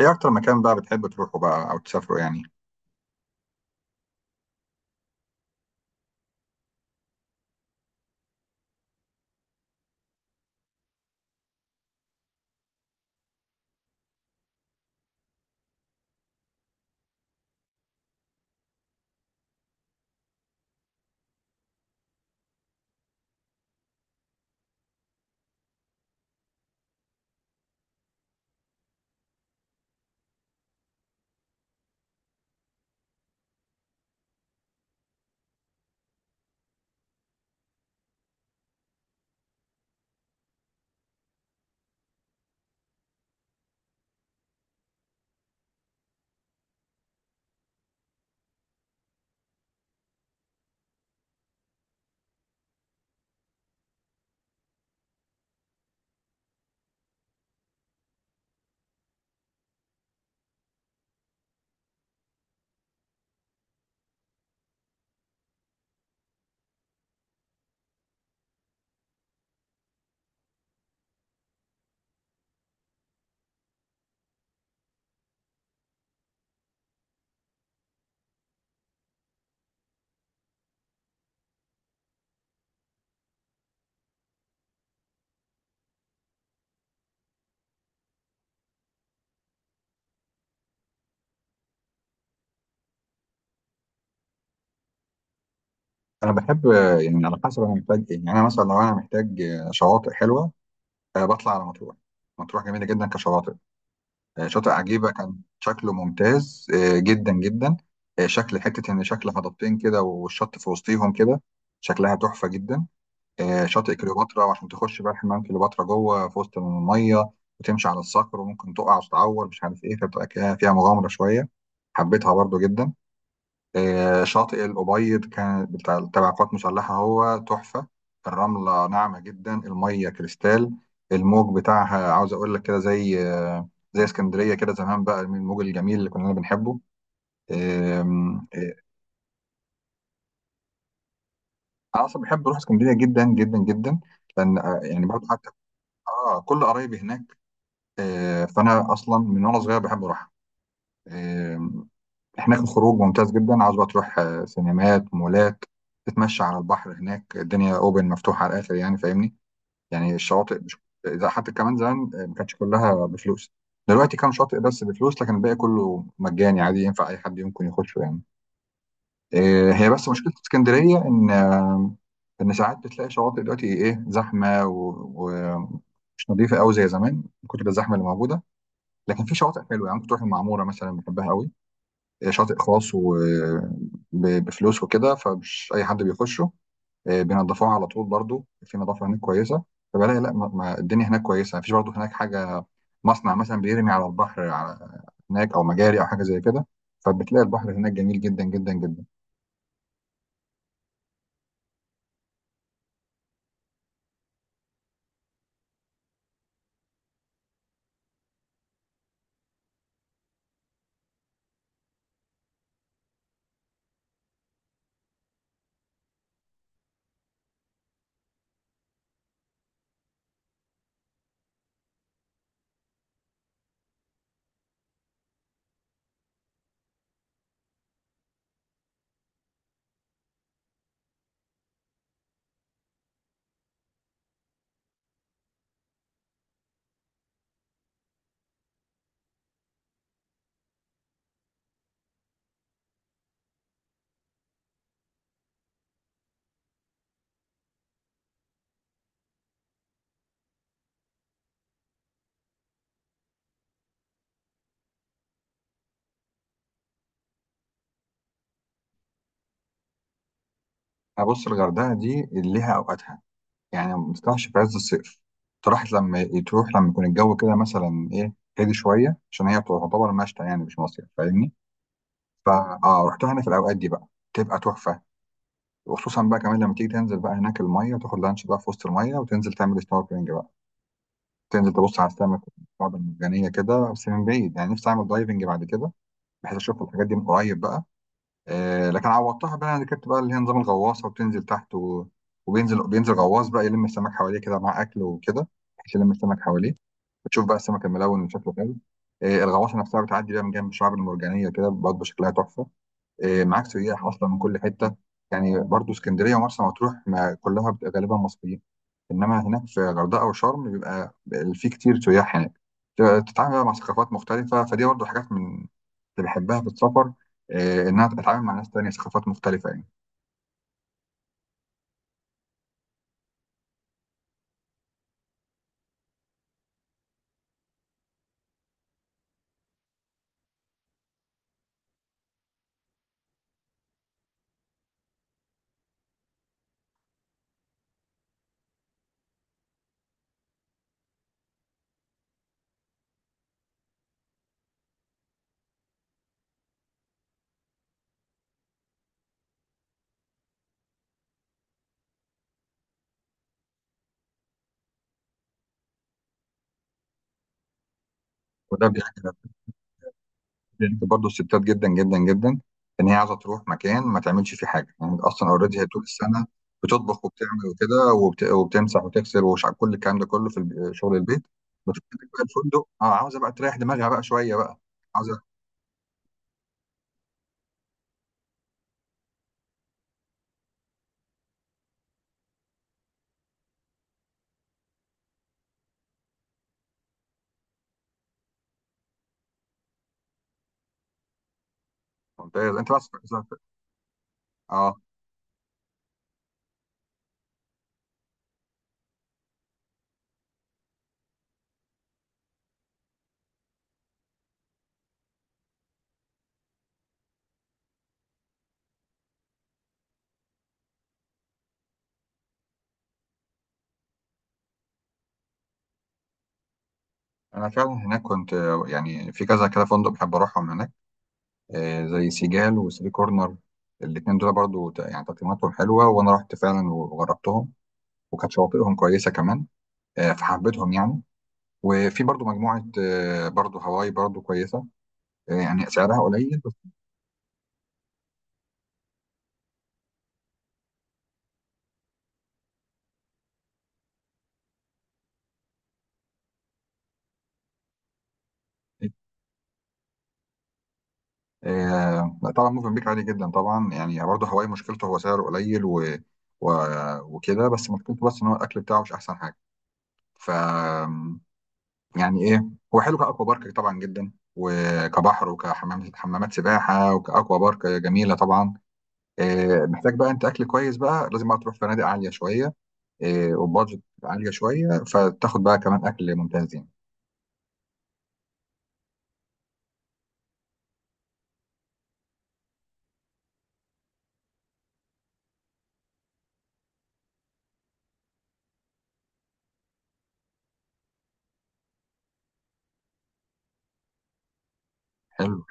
ايه اكتر مكان بقى بتحب تروحه بقى او تسافره يعني؟ انا بحب، يعني على حسب انا محتاج ايه يعني. انا مثلا لو انا محتاج شواطئ حلوه. بطلع على مطروح. مطروح جميله جدا كشواطئ. شاطئ عجيبه كان شكله ممتاز جدا جدا. شكل حته ان شكل هضبتين كده، والشط في وسطيهم كده. شكلها تحفه جدا. شاطئ كليوباترا، وعشان تخش بقى حمام كليوباترا جوه في وسط الميه وتمشي على الصخر وممكن تقع وتتعور مش عارف ايه، فبتبقى كده فيها مغامره شويه. حبيتها برضو جدا. شاطئ الأبيض كان بتاع تبع القوات المسلحة، هو تحفة. الرملة ناعمة جدا، المية كريستال. الموج بتاعها عاوز أقول لك كده زي زي اسكندرية كده زمان بقى، من الموج الجميل اللي كنا بنحبه. آم، آه، أنا أصلا بحب أروح اسكندرية جدا جدا جدا. لأن يعني برضه حتى كل قرايبي هناك. فأنا أصلا من وأنا صغير بحب أروحها. هناك الخروج ممتاز جدا، عاوز بقى تروح سينمات، مولات، تتمشى على البحر. هناك الدنيا اوبن، مفتوحه على الاخر يعني، فاهمني؟ يعني الشواطئ مش، إذا حتى كمان زمان ما كانتش كلها بفلوس. دلوقتي كام شاطئ بس بفلوس، لكن الباقي كله مجاني، عادي ينفع اي حد يمكن يخشه يعني. هي بس مشكله اسكندريه ان ان ساعات بتلاقي شواطئ دلوقتي ايه، زحمه ومش نظيفه قوي زي زمان، من كتر الزحمه اللي موجوده. لكن في شواطئ حلوه يعني، ممكن تروح المعموره مثلا، بحبها قوي. شاطئ خاص وبفلوس وكده، فمش اي حد بيخشه. بينضفوها على طول برضو، في نظافه هناك كويسه. فبلاقي لا، ما الدنيا هناك كويسه، مفيش برضو هناك حاجه مصنع مثلا بيرمي على البحر على هناك، او مجاري او حاجه زي كده. فبتلاقي البحر هناك جميل جدا جدا جدا. ابص، الغردقه دي اللي ليها اوقاتها. يعني ما تطلعش في عز الصيف. تروح لما يكون الجو كده مثلا ايه، هادي شويه، عشان هي تعتبر مشتى يعني، مش مصيف، فاهمني؟ فا رحتها هنا في الاوقات دي بقى تبقى تحفه. وخصوصا بقى كمان لما تيجي تنزل بقى هناك الميه وتاخد لانش بقى في وسط الميه، وتنزل تعمل سنوركلينج بقى، تنزل تبص على السمك والشعاب المرجانيه كده، بس من بعيد يعني. نفسي اعمل دايفنج بعد كده، بحيث اشوف الحاجات دي من قريب بقى. آه لكن عوضتها بقى، انا ركبت بقى اللي هي نظام الغواصه وبتنزل تحت، وبينزل غواص بقى يلم السمك حواليه كده مع اكل وكده، بحيث يلم السمك حواليه، وتشوف بقى السمك الملون اللي شكله حلو. آه، الغواصه نفسها بتعدي بقى من جنب الشعاب المرجانيه كده برضه، شكلها تحفه. معاك سياح اصلا من كل حته، يعني برضو اسكندريه ومرسى مطروح ما كلها بتبقى غالبا مصريين، انما هناك في غردقه وشرم بيبقى في كتير سياح هناك. تتعامل بقى مع ثقافات مختلفه، فدي برضو حاجات من اللي بحبها في السفر. انها اتعامل مع ناس تانية، ثقافات مختلفه يعني. وده بيعجبني. بيرك برضه الستات جدا جدا جدا، ان هي عايزه تروح مكان ما تعملش فيه حاجه يعني. اصلا اوريدي هي طول السنه بتطبخ وبتعمل وكده، وبتمسح وتغسل وش، كل الكلام ده كله في شغل البيت. بتروح هناك بقى الفندق، اه عاوزه بقى تريح دماغها بقى شويه بقى. عاوزه. ممتاز، انت بس. اه، انا فعلا هناك كنت يعني في كذا كده فندق بحب اروحهم هناك. آه زي سيجال وثري كورنر، الاثنين دول برضو، يعني تقييماتهم حلوه، وانا رحت فعلا وجربتهم، وكانت شواطئهم كويسه كمان. فحبيتهم يعني. وفي برضو مجموعة، برضو هواي برضو كويسة. يعني سعرها قليل بس. لا طبعا، موفنبيك عالي جدا طبعا يعني. برضو هواي مشكلته هو سعره قليل و... وكده، بس مشكلته بس ان هو الاكل بتاعه مش احسن حاجة. ف، يعني ايه، هو حلو كأكوا بارك طبعا جدا، وكبحر، وكحمامات سباحة، وكأكوا بارك جميلة طبعا. محتاج بقى انت اكل كويس بقى، لازم بقى تروح فنادق عالية شوية، وبادجت عالية شوية، فتاخد بقى كمان اكل ممتاز يعني. حلو،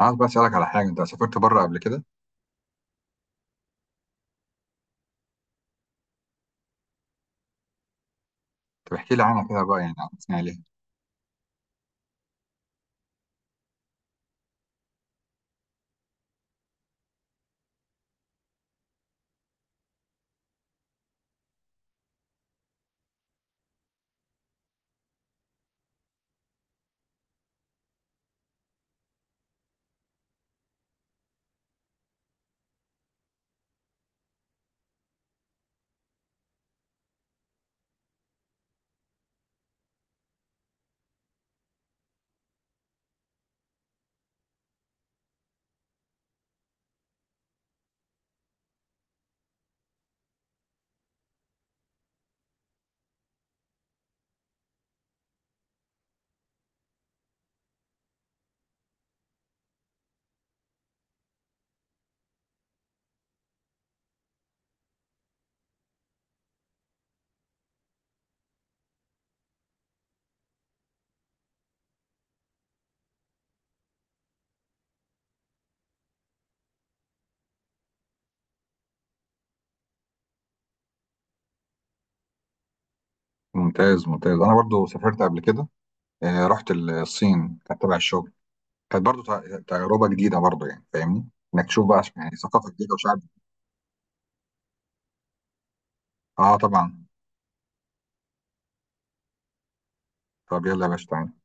عايز بقى اسالك على حاجه، انت سافرت بره قبل كده؟ طب احكي لي عنها كده بقى، يعني عرفني عليها. ممتاز، ممتاز. انا برضو سافرت قبل كده، رحت الصين، كانت تبع الشغل. كانت برضو تجربه جديده برضو يعني، فاهمني؟ انك تشوف بقى يعني ثقافه جديده وشعب. اه طبعا. طب يلا يا باشا تعالى.